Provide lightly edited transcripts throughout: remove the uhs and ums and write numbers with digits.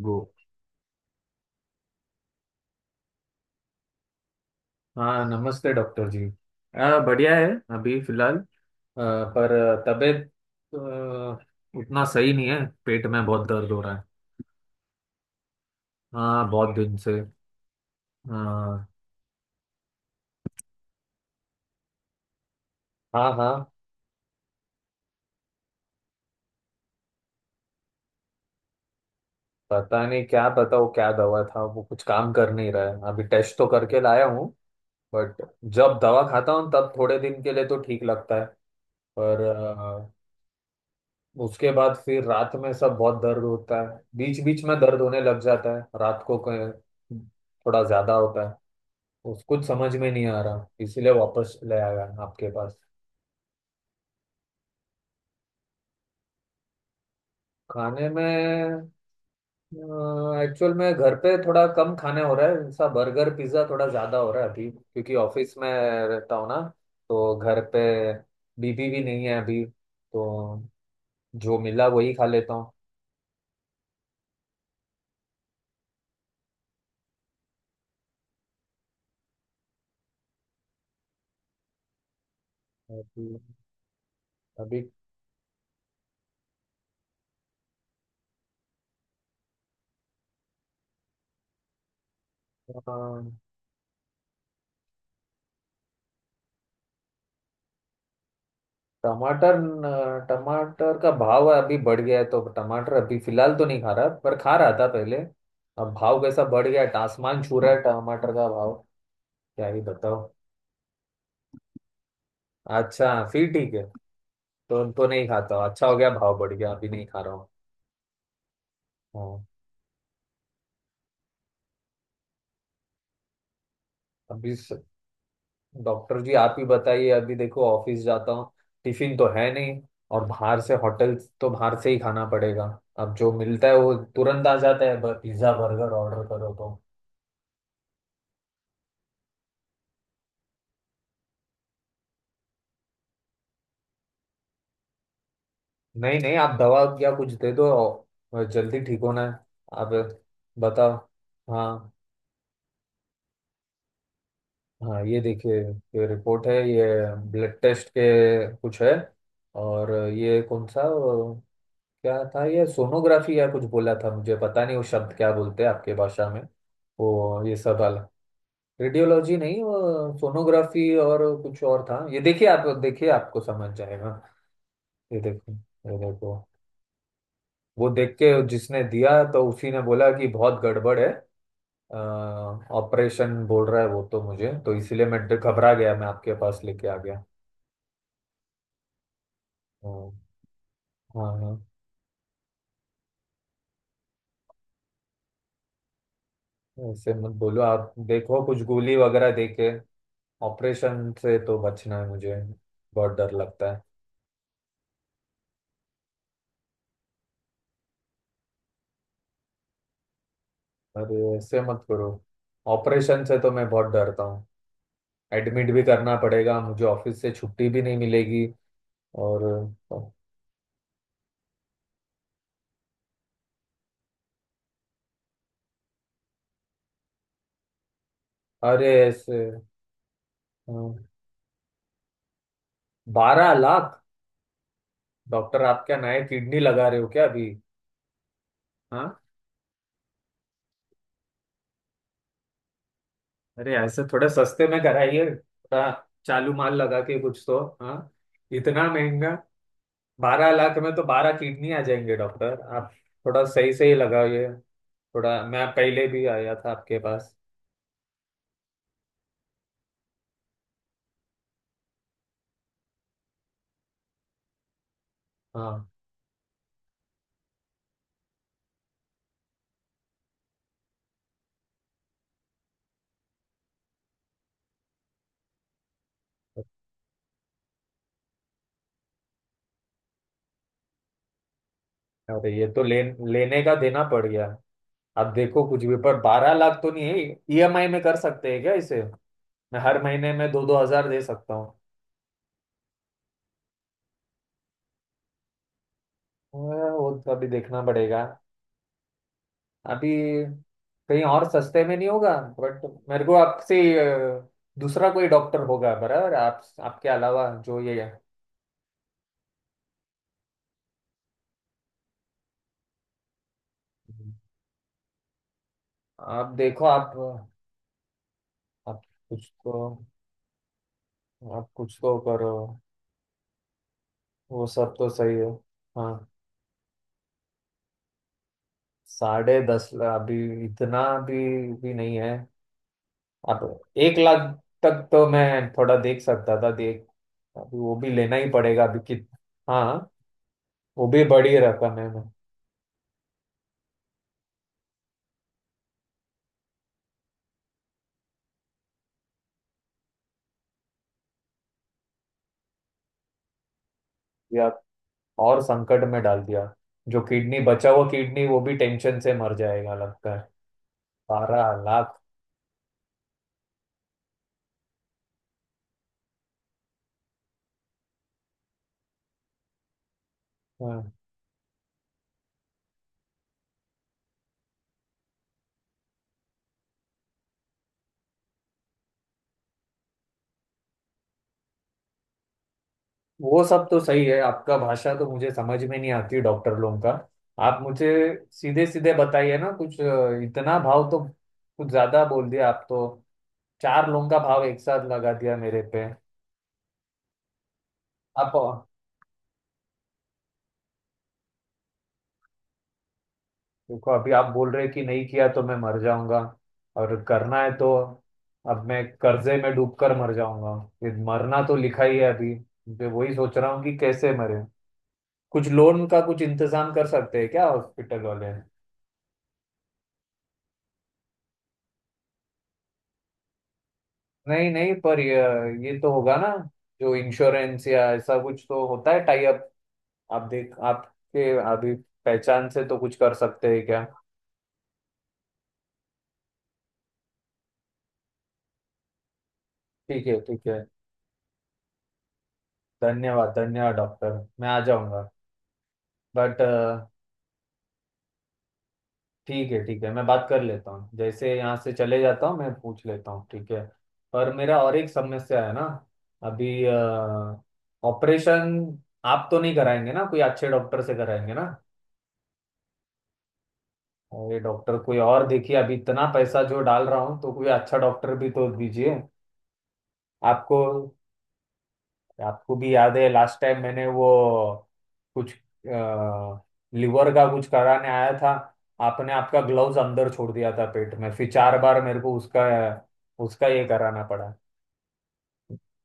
वो। हाँ, नमस्ते डॉक्टर जी। बढ़िया है। अभी फिलहाल पर तबीयत आ, उतना सही नहीं है। पेट में बहुत दर्द हो रहा है। हाँ, बहुत दिन से। हाँ। हाँ। हाँ, पता नहीं क्या बताओ, क्या दवा था वो, कुछ काम कर नहीं रहा है। अभी टेस्ट तो करके लाया हूँ। बट जब दवा खाता हूँ तब थोड़े दिन के लिए तो ठीक लगता है। पर उसके बाद फिर रात में सब बहुत दर्द होता है। बीच बीच में दर्द होने लग जाता है रात को। थोड़ा ज्यादा होता है। उस कुछ समझ में नहीं आ रहा, इसीलिए वापस ले आया आपके पास। खाने में एक्चुअल में घर पे थोड़ा कम खाने हो रहा है। ऐसा बर्गर पिज्जा थोड़ा ज्यादा हो रहा है अभी, क्योंकि ऑफिस में रहता हूँ ना। तो घर पे बीबी भी नहीं है अभी, तो जो मिला वही खा लेता हूँ। अभी। अभी टमाटर न- टमाटर का भाव अभी बढ़ गया है, तो टमाटर अभी फिलहाल तो नहीं खा रहा, पर खा रहा था पहले। अब भाव कैसा बढ़ गया है, आसमान छू रहा है टमाटर का भाव। क्या ही बताओ। अच्छा, फिर ठीक है। तो नहीं खाता हूँ। अच्छा हो गया भाव बढ़ गया, अभी नहीं खा रहा हूँ। हाँ। अभी स- डॉक्टर जी, आप ही बताइए। अभी देखो, ऑफिस जाता हूँ, टिफिन तो है नहीं, और बाहर से होटल, तो बाहर से ही खाना पड़ेगा। अब जो मिलता है वो तुरंत आ जाता है, पिज्जा बर्गर ऑर्डर करो तो। नहीं नहीं, आप दवा या कुछ दे दो, और जल्दी ठीक होना है। आप बताओ। हाँ। हाँ, ये देखिए ये रिपोर्ट है ये, ब्लड टेस्ट के कुछ है। और ये कौन सा क्या था ये, सोनोग्राफी या कुछ बोला था? मुझे पता नहीं वो शब्द क्या बोलते हैं आपके भाषा में, वो ये सब वाला। रेडियोलॉजी नहीं, वो सोनोग्राफी और कुछ और था। ये देखिए, आप देखिए आपको समझ जाएगा। ये देखो। ये देखो। वो देख के जिसने दिया तो उसी ने बोला कि बहुत गड़बड़ है। ऑपरेशन बोल रहा है वो तो, मुझे तो इसीलिए मैं घबरा गया, मैं आपके पास लेके आ गया। हाँ। हाँ। हाँ। ऐसे मत बोलो, आप देखो कुछ गोली वगैरह दे के। ऑपरेशन से तो बचना है मुझे, बहुत डर लगता है। अरे ऐसे मत करो। ऑपरेशन से तो मैं बहुत डरता हूँ। एडमिट भी करना पड़ेगा, मुझे ऑफिस से छुट्टी भी नहीं मिलेगी। और अरे ऐसे 12 लाख? डॉक्टर आप क्या नए किडनी लगा रहे हो क्या अभी? हाँ। अरे ऐसे थोड़ा सस्ते में कराइए थोड़ा, चालू माल लगा के कुछ तो। हाँ। इतना महंगा? 12 लाख में तो 12 किडनी आ जाएंगे डॉक्टर आप। थोड़ा सही सही लगाइए थोड़ा। मैं पहले भी आया था आपके पास। हाँ। अरे ये तो ले, लेने का देना पड़ गया। आप देखो कुछ भी, पर 12 लाख तो नहीं है। ईएमआई में कर सकते हैं क्या इसे? मैं हर महीने में 2-2 हज़ार दे सकता हूँ। हाँ, वो तो अभी देखना पड़ेगा। अभी कहीं और सस्ते में नहीं होगा? बट मेरे को आपसे दूसरा कोई डॉक्टर होगा बराबर आप, आपके अलावा जो ये है? आप देखो। आप कुछ तो आप कुछ तो करो। वो सब तो सही है। हाँ। 10.5 लाख? अभी इतना भी भी नहीं है। अब 1 लाख तक तो मैं थोड़ा देख सकता था, देख अभी वो भी लेना ही पड़ेगा अभी। कित हाँ, वो भी बड़ी रकम है। मैं और संकट में डाल दिया। जो किडनी बचा हुआ किडनी वो भी टेंशन से मर जाएगा लगता है। बारह लाख। हाँ, वो सब तो सही है। आपका भाषा तो मुझे समझ में नहीं आती डॉक्टर लोगों का। आप मुझे सीधे सीधे बताइए ना, कुछ इतना भाव तो कुछ ज्यादा बोल दिया आप तो। चार लोगों का भाव एक साथ लगा दिया मेरे पे। आप देखो। अभी आप बोल रहे कि नहीं किया तो मैं मर जाऊंगा, और करना है तो अब मैं कर्जे में डूबकर मर जाऊंगा। ये मरना तो लिखा ही है अभी, मैं वही सोच रहा हूँ कि कैसे मरे। कुछ लोन का कुछ इंतजाम कर सकते हैं क्या हॉस्पिटल वाले? नहीं नहीं, पर ये तो होगा ना, जो इंश्योरेंस या ऐसा कुछ तो होता है, टाई अप। आप देख आपके अभी पहचान से तो कुछ कर सकते हैं क्या? ठीक है ठीक है, धन्यवाद धन्यवाद डॉक्टर। मैं आ जाऊंगा। बट ठीक है ठीक है, मैं बात कर लेता हूँ। जैसे यहाँ से चले जाता हूँ मैं पूछ लेता हूँ, ठीक है। पर मेरा और एक समस्या है ना अभी। ऑपरेशन आप तो नहीं कराएंगे ना, कोई अच्छे डॉक्टर से कराएंगे ना? और ये डॉक्टर कोई और देखिए, अभी इतना पैसा जो डाल रहा हूँ तो कोई अच्छा डॉक्टर भी तो दीजिए। आपको। आपको भी याद है लास्ट टाइम मैंने वो कुछ लिवर का कुछ कराने आया था, आपने आपका ग्लव्स अंदर छोड़ दिया था पेट में, फिर चार बार मेरे को उसका उसका ये कराना पड़ा।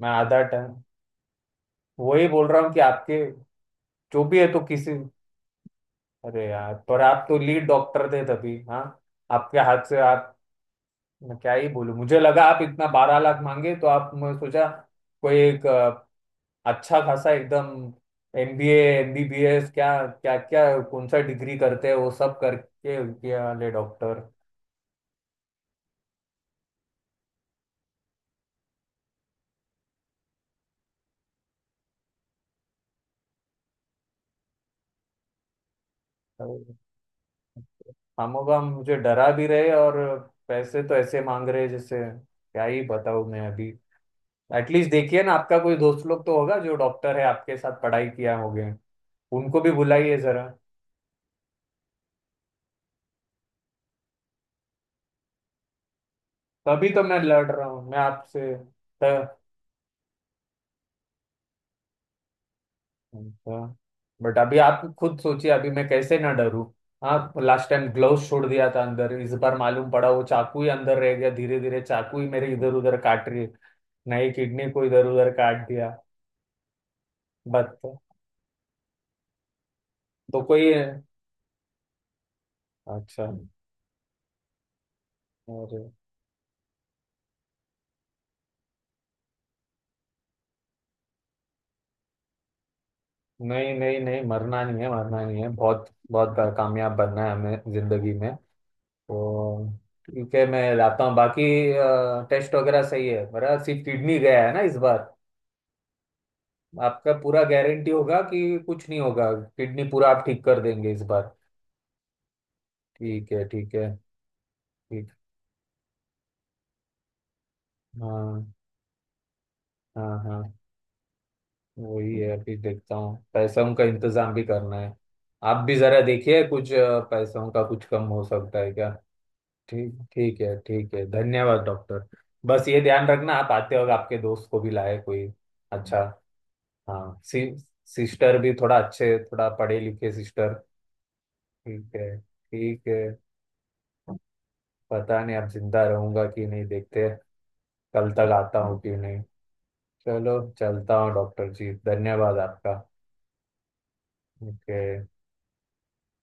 मैं आधा टाइम वही बोल रहा हूँ कि आपके जो भी है तो किसी। अरे यार, पर आप तो लीड डॉक्टर थे तभी। हाँ, आपके हाथ से आप। मैं क्या ही बोलूं, मुझे लगा आप इतना 12 लाख मांगे तो आप, मैं सोचा कोई एक अच्छा खासा एकदम एमबीए, एमबीबीएस, क्या क्या क्या कौन सा डिग्री करते हैं वो सब करके किया वाले डॉक्टर। हम लोग हम मुझे डरा भी रहे, और पैसे तो ऐसे मांग रहे, जैसे क्या ही बताऊं मैं अभी। एटलीस्ट देखिए ना, आपका कोई दोस्त लोग तो होगा जो डॉक्टर है, आपके साथ पढ़ाई किया होगे, उनको भी बुलाइए जरा। तभी तो मैं लड़ रहा हूँ मैं आपसे। अच्छा, बट अभी आप खुद सोचिए अभी मैं कैसे ना डरूं। हाँ, लास्ट टाइम ग्लव्स छोड़ दिया था अंदर, इस बार मालूम पड़ा वो चाकू ही अंदर रह गया, धीरे धीरे चाकू ही मेरे इधर उधर काट रही है। नई किडनी को इधर उधर काट दिया। बट तो। तो कोई अच्छा। अरे नहीं नहीं नहीं, मरना नहीं है, मरना नहीं है, बहुत बहुत कामयाब बनना है हमें जिंदगी में। तो ठीक है, मैं लाता हूँ। बाकी टेस्ट वगैरह सही है, मेरा सिर्फ किडनी गया है ना इस बार। आपका पूरा गारंटी होगा कि कुछ नहीं होगा, किडनी पूरा आप ठीक कर देंगे इस बार? ठीक है ठीक है ठीक। हाँ हाँ हाँ, वही है। अभी देखता हूँ पैसों का इंतजाम भी करना है। आप भी जरा देखिए कुछ पैसों का कुछ कम हो सकता है क्या? ठीक ठीक है ठीक है, धन्यवाद डॉक्टर। बस ये ध्यान रखना, आप आते वक्त आपके दोस्त को भी लाए कोई अच्छा। हाँ सिस्टर भी थोड़ा अच्छे, थोड़ा पढ़े लिखे सिस्टर। ठीक है ठीक है। पता नहीं अब जिंदा रहूंगा कि नहीं, देखते कल तक आता हूँ कि नहीं। चलो, चलता हूँ डॉक्टर जी, धन्यवाद आपका। ओके।